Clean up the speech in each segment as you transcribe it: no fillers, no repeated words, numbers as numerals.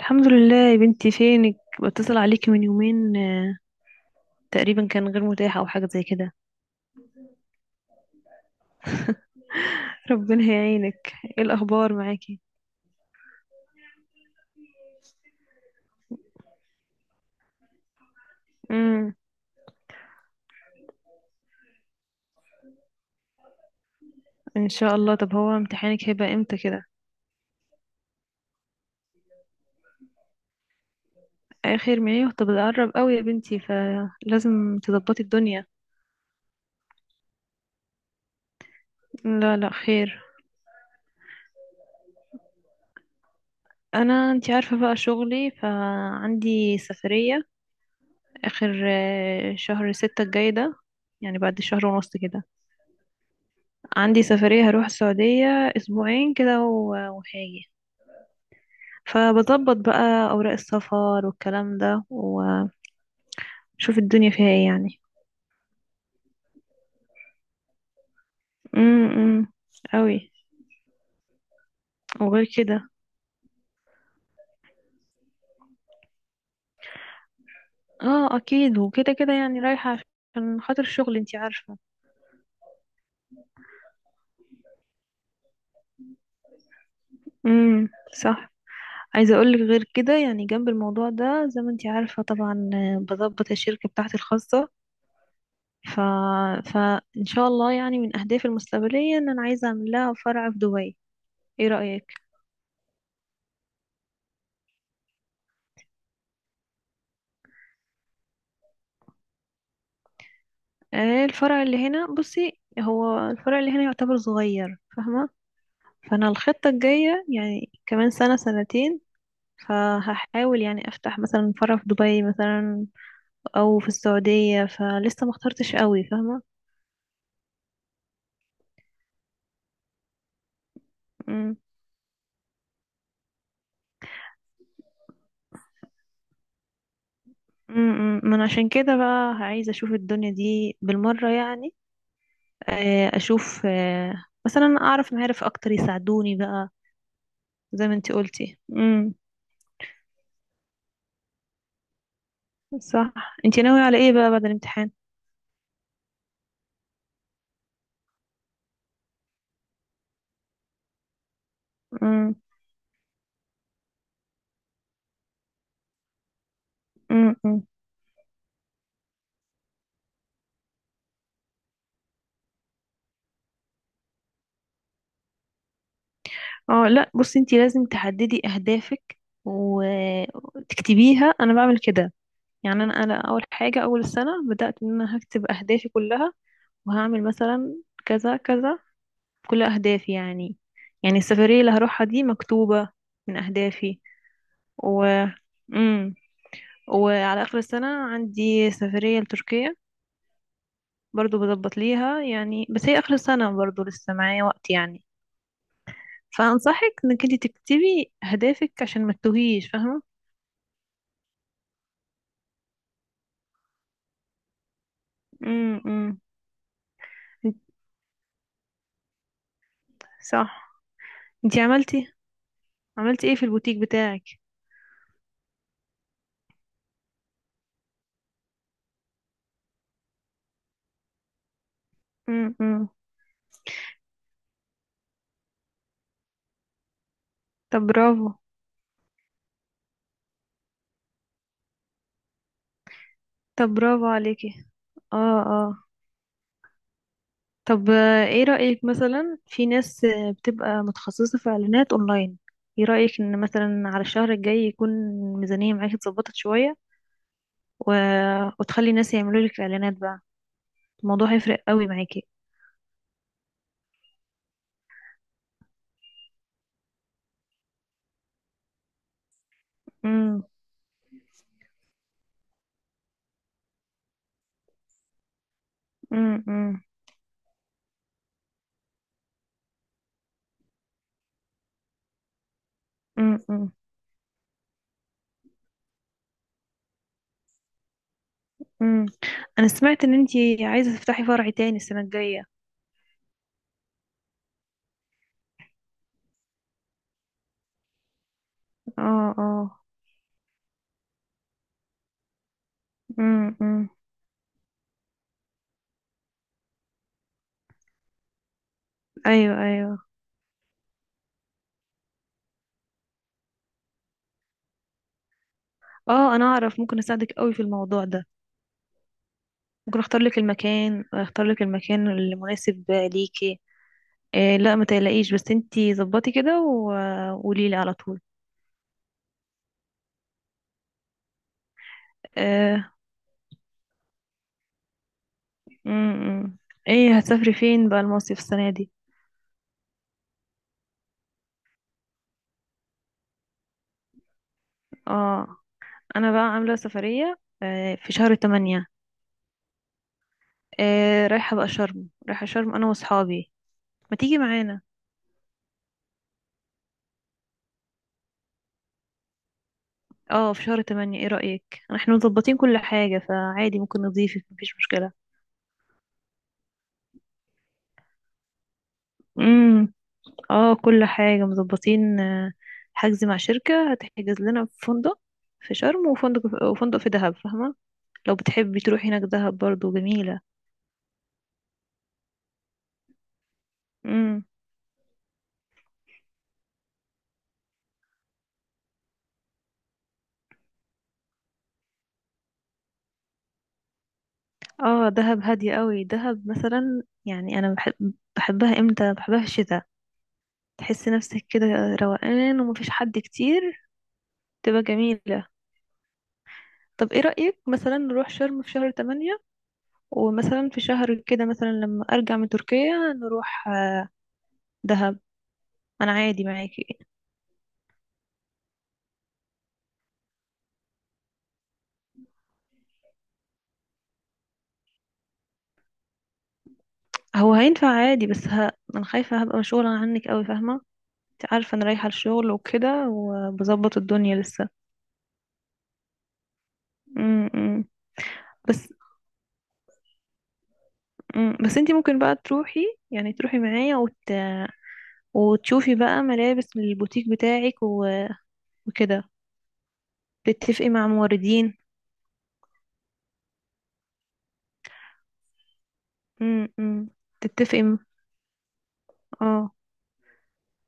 الحمد لله يا بنتي. فينك؟ بتصل عليكي من يومين تقريبا كان غير متاح او حاجه زي كده. ربنا يعينك. ايه الاخبار معاكي؟ امم ان شاء الله. طب هو امتحانك هيبقى امتى كده؟ اخر ما ايه؟ طب ده قرب قوي يا بنتي، فلازم تظبطي الدنيا. لا لا، خير. انا انتي عارفه بقى شغلي، فعندي سفريه اخر شهر ستة الجاي ده، يعني بعد شهر ونص كده. عندي سفريه هروح السعوديه اسبوعين كده وهاجي. فبظبط بقى أوراق السفر والكلام ده وشوف الدنيا فيها ايه يعني. امم. قوي. وغير كده، اه اكيد. وكده كده يعني رايحة عشان خاطر الشغل، انتي عارفة. امم. صح. عايزة اقولك غير كده، يعني جنب الموضوع ده، زي ما انتي عارفة طبعا، بظبط الشركة بتاعتي الخاصة. ف... فإن شاء الله يعني من أهدافي المستقبلية إن أنا عايزة أعمل لها فرع في دبي. إيه رأيك؟ آه، الفرع اللي هنا بصي، هو الفرع اللي هنا يعتبر صغير، فاهمة. فانا الخطة الجاية يعني كمان سنة سنتين، فهحاول يعني افتح مثلا فرع في دبي مثلا او في السعودية، فلسه ما اخترتش قوي، فاهمة. مم. مم. من عشان كده بقى عايزة اشوف الدنيا دي بالمرة يعني. اشوف، مثلا اعرف معارف اكتر يساعدوني بقى، زي ما انتي قلتي. مم. صح. انتي ناوية على ايه بقى بعد الامتحان؟ مم. مم. اه لا، بصي انتي لازم تحددي اهدافك وتكتبيها. انا بعمل كده، يعني انا اول حاجه اول السنه بدات ان انا هكتب اهدافي كلها، وهعمل مثلا كذا كذا، كل اهدافي يعني. يعني السفريه اللي هروحها دي مكتوبه من اهدافي. و امم وعلى اخر السنه عندي سفريه لتركيا، برضو بظبط ليها يعني، بس هي اخر السنه برضو لسه معايا وقت يعني. فانصحك انك انت تكتبي اهدافك عشان ما تتوهيش، فاهمه. امم. صح. انتي عملتي ايه في البوتيك بتاعك؟ امم. طب برافو. طب برافو عليكي. اه اه. طب ايه رأيك مثلا في ناس بتبقى متخصصة في اعلانات اونلاين؟ ايه رأيك ان مثلا على الشهر الجاي يكون الميزانية معاكي اتظبطت شوية، و... وتخلي الناس يعملوا لك اعلانات بقى؟ الموضوع هيفرق قوي معاكي. امم. امم. امم. انا سمعت ان انتي عايزة تفتحي فرع تاني السنة الجاية. اه اه. امم. ايوه ايوه. اه، انا اعرف ممكن اساعدك قوي في الموضوع ده. ممكن اختار لك المكان المناسب ليكي. إيه لا ما تقلقيش، بس انتي ظبطي كده وقولي لي على طول. آه. امم. ايه هتسافري فين بقى المصيف السنه دي؟ اه، انا بقى عامله سفريه في شهر 8. آه، رايحه شرم انا واصحابي. ما تيجي معانا؟ اه، في شهر 8. ايه رايك؟ احنا مظبطين كل حاجه فعادي، ممكن نضيفك، مفيش مشكله. اه كل حاجة مظبطين، حجز مع شركة هتحجز لنا في فندق في شرم وفندق في دهب، فاهمة. لو بتحبي تروحي هناك دهب برضو جميلة. امم. اه دهب هادية قوي. دهب مثلا يعني انا بحبها امتى؟ بحبها في الشتاء. تحسي نفسك كده روقان ومفيش حد كتير، تبقى جميلة. طب ايه رأيك مثلا نروح شرم في شهر تمانية، ومثلا في شهر كده مثلا لما ارجع من تركيا نروح دهب. انا عادي معاكي. هو هينفع عادي، بس انا خايفة هبقى مشغولة عنك قوي، فاهمة. انت عارفة انا رايحة الشغل وكده وبظبط الدنيا لسه. امم امم. بس، امم، بس انت ممكن بقى تروحي، يعني معايا وتشوفي بقى ملابس من البوتيك بتاعك، وكده، تتفقي مع موردين. امم امم. تتفقي م- اه،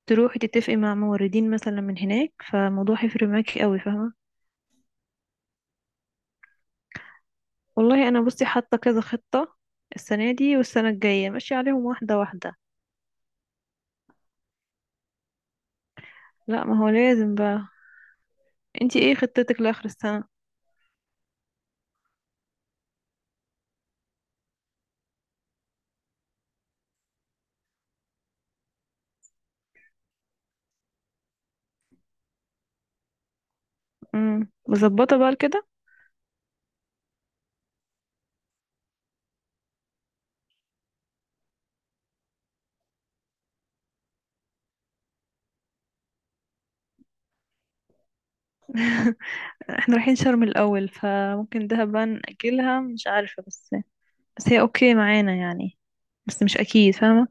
تروحي تتفقي مع موردين مثلا من هناك، فالموضوع هيفرق معاكي قوي، فاهمة. والله انا بصي حاطة كذا خطة السنة دي والسنة الجاية، ماشية عليهم واحدة واحدة. لا ما هو لازم بقى. انتي ايه خطتك لاخر السنه؟ امم، مظبطه بقى كده. احنا رايحين شرم الاول فممكن دهب بقى ناجلها، مش عارفه، بس بس هي اوكي معانا يعني، بس مش اكيد، فاهمه.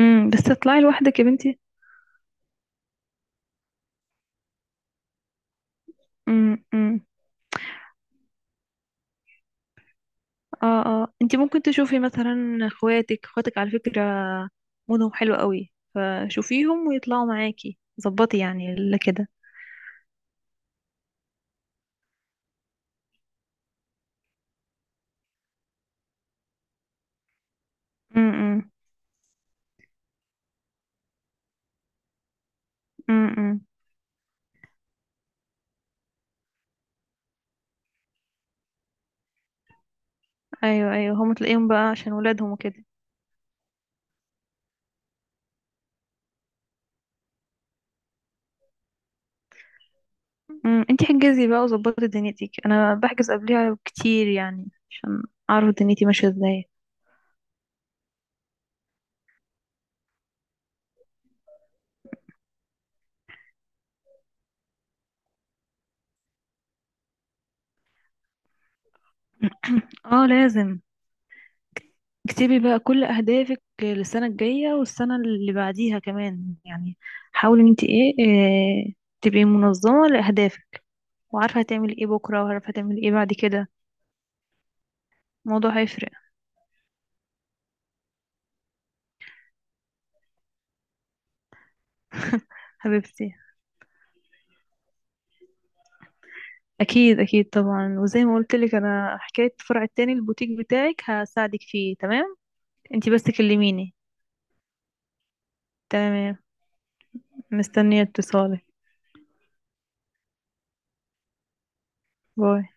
امم. بس تطلعي لوحدك يا بنتي. امم. اه اه. انتي ممكن تشوفي مثلا اخواتك على فكره، مودهم حلو قوي، فشوفيهم ويطلعوا معاكي، ظبطي يعني اللي كده. امم امم. امم. ايوه ايوه. هم تلاقيهم بقى عشان ولادهم وكده. امم. انتي حجزي بقى وظبطي دنيتك. انا بحجز قبلها كتير يعني عشان اعرف دنيتي ماشيه ازاي. اه لازم. اكتبي بقى كل اهدافك للسنه الجايه والسنه اللي بعديها كمان يعني. حاولي ان انتي إيه تبقي منظمه لاهدافك، وعارفه هتعملي ايه بكره وعارفه هتعملي ايه بعد كده. الموضوع هيفرق. حبيبتي. اكيد اكيد طبعا، وزي ما قلت لك انا حكايه الفرع التاني البوتيك بتاعك هساعدك فيه، تمام؟ انتي بس كلميني. تمام. مستنيه اتصالك. باي.